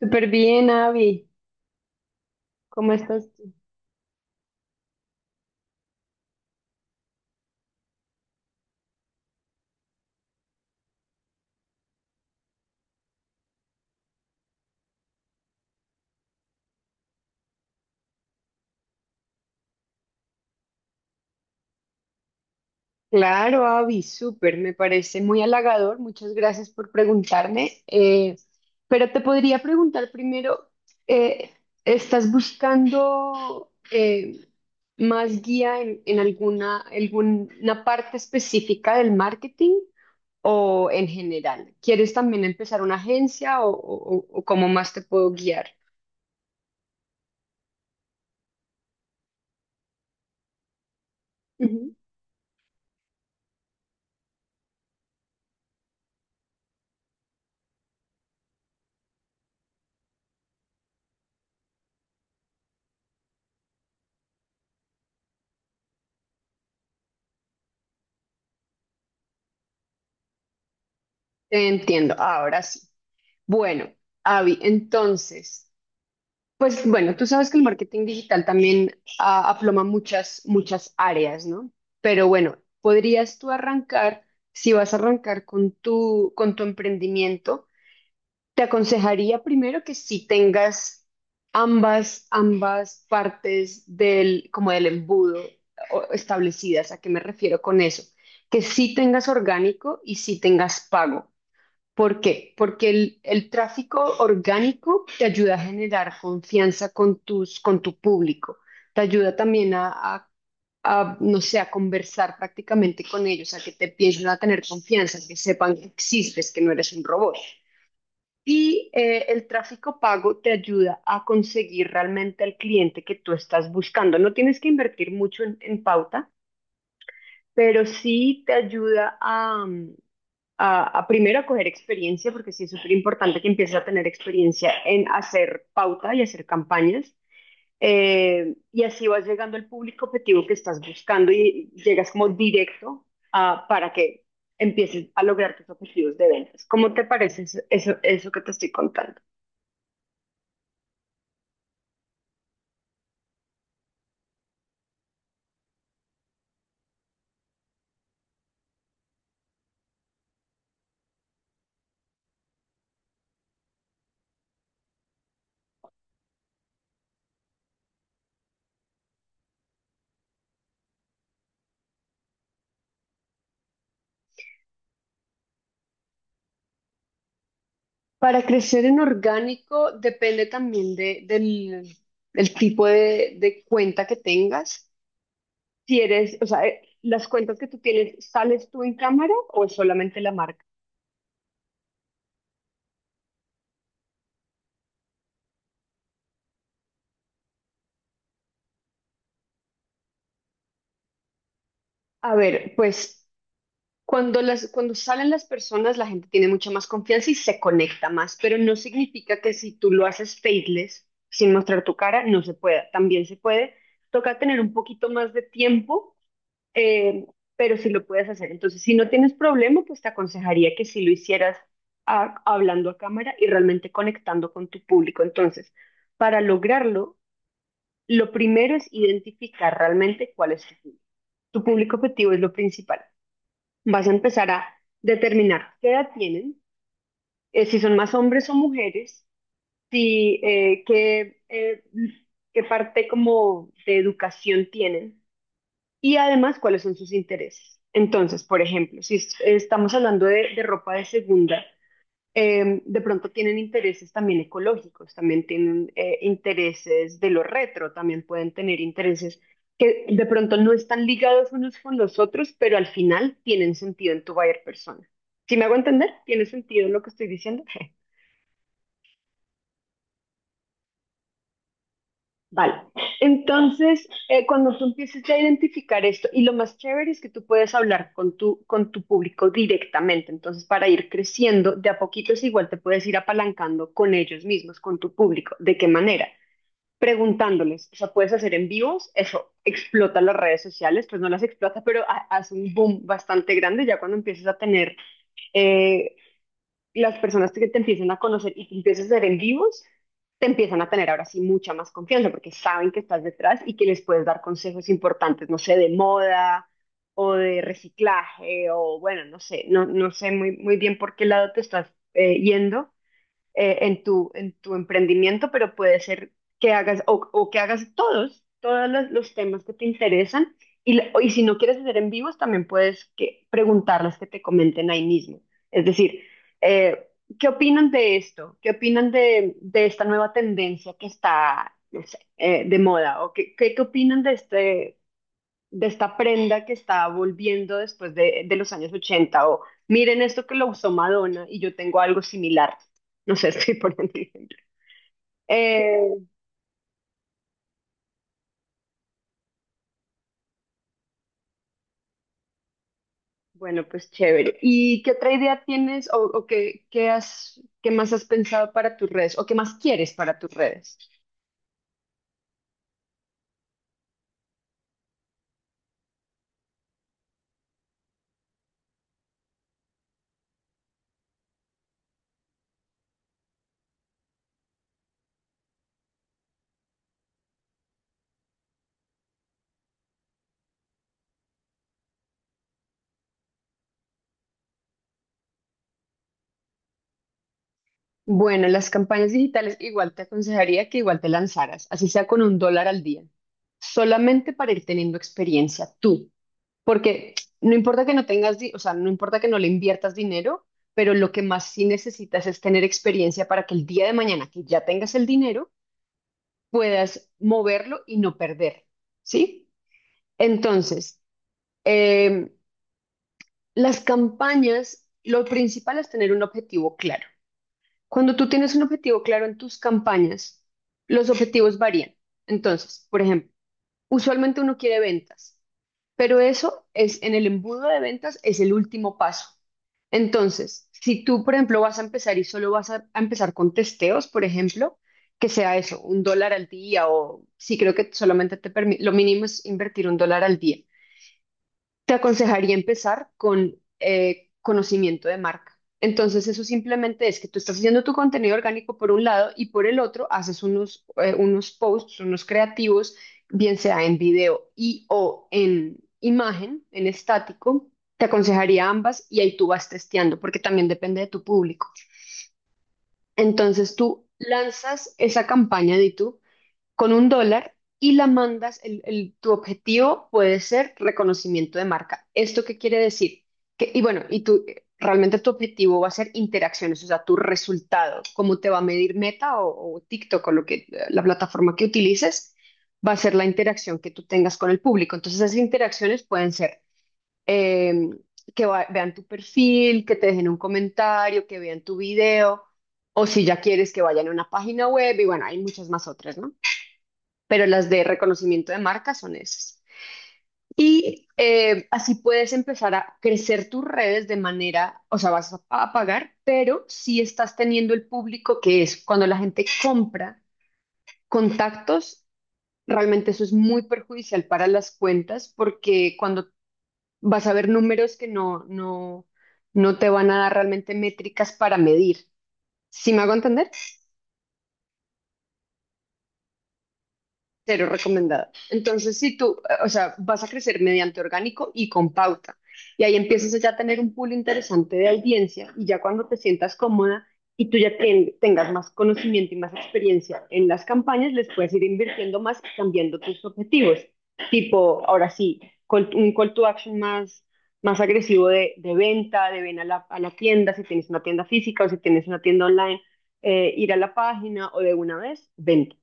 Súper bien, Avi. ¿Cómo estás tú? Claro, Avi, súper. Me parece muy halagador. Muchas gracias por preguntarme. Pero te podría preguntar primero, eh, ¿estás buscando más guía en alguna, alguna parte específica del marketing o en general? ¿Quieres también empezar una agencia o cómo más te puedo guiar? Ujú. Entiendo, ahora sí. Bueno, Avi, entonces... Pues bueno, tú sabes que el marketing digital también aploma muchas, muchas áreas, ¿no? Pero bueno, podrías tú arrancar, si vas a arrancar con tu emprendimiento, te aconsejaría primero que si tengas ambas partes del, como del embudo establecidas. ¿A qué me refiero con eso? Que sí tengas orgánico y sí tengas pago. ¿Por qué? Porque el tráfico orgánico te ayuda a generar confianza con tu público. Te ayuda también a, no sé, a conversar prácticamente con ellos, a que te empiecen a tener confianza, que sepan que existes, que no eres un robot. Y el tráfico pago te ayuda a conseguir realmente al cliente que tú estás buscando. No tienes que invertir mucho en pauta, pero sí te ayuda a primero a coger experiencia, porque sí es súper importante que empieces a tener experiencia en hacer pauta y hacer campañas. Y así vas llegando al público objetivo que estás buscando y llegas como directo para que empieces a lograr tus objetivos de ventas. ¿Cómo te parece eso que te estoy contando? Para crecer en orgánico depende también del, del tipo de cuenta que tengas. Si eres, o sea, las cuentas que tú tienes, ¿sales tú en cámara o es solamente la marca? A ver, pues cuando cuando salen las personas, la gente tiene mucha más confianza y se conecta más, pero no significa que si tú lo haces faceless, sin mostrar tu cara, no se pueda. También se puede. Toca tener un poquito más de tiempo, eh, pero si lo puedes hacer. Entonces, si no tienes problema, pues te aconsejaría que si lo hicieras hablando a cámara y realmente conectando con tu público. Entonces, para lograrlo, lo primero es identificar realmente cuál es tu público. Tu público objetivo es lo principal. Vas a empezar a determinar qué edad tienen, si son más hombres o mujeres, si qué, qué parte como de educación tienen y además cuáles son sus intereses. Entonces, por ejemplo, si es- estamos hablando de ropa de segunda, de pronto tienen intereses también ecológicos, también tienen intereses de lo retro, también pueden tener intereses que de pronto no están ligados unos con los otros, pero al final tienen sentido en tu buyer persona. ¿Si me hago entender? ¿Tiene sentido lo que estoy diciendo? Vale. Entonces, cuando tú empieces a identificar esto, y lo más chévere es que tú puedes hablar con tu público directamente. Entonces, para ir creciendo, de a poquitos igual te puedes ir apalancando con ellos mismos, con tu público. ¿De qué manera? Preguntándoles. O sea, puedes hacer en vivos, eso explota las redes sociales, pues no las explota, pero hace un boom bastante grande ya cuando empiezas a tener eh, las personas que te empiezan a conocer y que empiezas a ser en vivos, te empiezan a tener ahora sí mucha más confianza porque saben que estás detrás y que les puedes dar consejos importantes, no sé, de moda o de reciclaje o bueno, no sé, no sé muy, muy bien por qué lado te estás yendo, en tu emprendimiento, pero puede ser que hagas o que hagas todos, todos los temas que te interesan. Y si no quieres hacer en vivos, también puedes preguntarles que te comenten ahí mismo. Es decir, eh, ¿qué opinan de esto? ¿Qué opinan de esta nueva tendencia que está, no sé, de moda? ¿O qué opinan de este, de esta prenda que está volviendo de los años 80 o miren esto que lo usó Madonna y yo tengo algo similar? No sé, estoy poniendo el ejemplo. Eh, bueno, pues chévere. ¿Y qué otra idea tienes o qué, qué has, qué más has pensado para tus redes o qué más quieres para tus redes? Bueno, las campañas digitales igual te aconsejaría que igual te lanzaras, así sea con un dólar al día, solamente para ir teniendo experiencia tú. Porque no importa que no tengas, o sea, no importa que no le inviertas dinero, pero lo que más sí necesitas es tener experiencia para que el día de mañana que ya tengas el dinero, puedas moverlo y no perder, ¿sí? Entonces, eh, las campañas, lo principal es tener un objetivo claro. Cuando tú tienes un objetivo claro en tus campañas, los objetivos varían. Entonces, por ejemplo, usualmente uno quiere ventas. Pero eso es en el embudo de ventas, es el último paso. Entonces, si tú, por ejemplo, vas a empezar y solo vas a empezar con testeos, por ejemplo, que sea eso, un dólar al día o sí creo que solamente te permite, lo mínimo es invertir un dólar al día. Te aconsejaría empezar con conocimiento de marca. Entonces, eso simplemente es que tú estás haciendo tu contenido orgánico por un lado y por el otro haces unos, unos posts, unos creativos, bien sea en video y o en imagen, en estático. Te aconsejaría ambas y ahí tú vas testeando porque también depende de tu público. Entonces, tú lanzas esa campaña de YouTube con un dólar y la mandas, tu objetivo puede ser reconocimiento de marca. ¿Esto qué quiere decir? Que, y bueno, y tú, realmente tu objetivo va a ser interacciones, o sea, tu resultado, cómo te va a medir Meta o TikTok o lo que, la plataforma que utilices, va a ser la interacción que tú tengas con el público. Entonces, esas interacciones pueden ser... eh, que vean tu perfil, que te dejen un comentario, que vean tu video, o si ya quieres que vayan a una página web, y bueno, hay muchas más otras, ¿no? Pero las de reconocimiento de marca son esas. Y así puedes empezar a crecer tus redes de manera, o sea, vas a pagar, pero si estás teniendo el público que es cuando la gente compra contactos, realmente eso es muy perjudicial para las cuentas porque cuando vas a ver números que no te van a dar realmente métricas para medir. ¿Sí me hago entender? Cero recomendada. Entonces, si tú, o sea, vas a crecer mediante orgánico y con pauta. Y ahí empiezas ya a tener un pool interesante de audiencia y ya cuando te sientas cómoda y tú ya tengas más conocimiento y más experiencia en las campañas, les puedes ir invirtiendo más y cambiando tus objetivos. Tipo, ahora sí, un call to action más, más agresivo de venta, de ven a a la tienda, si tienes una tienda física o si tienes una tienda online, ir a la página o de una vez, venta.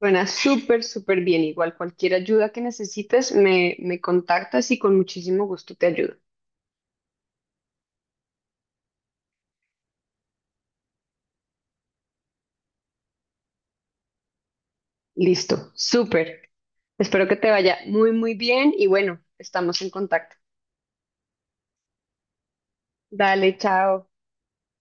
Suena súper, súper bien. Igual cualquier ayuda que necesites, me contactas y con muchísimo gusto te ayudo. Listo, súper. Espero que te vaya muy, muy bien y bueno, estamos en contacto. Dale, chao.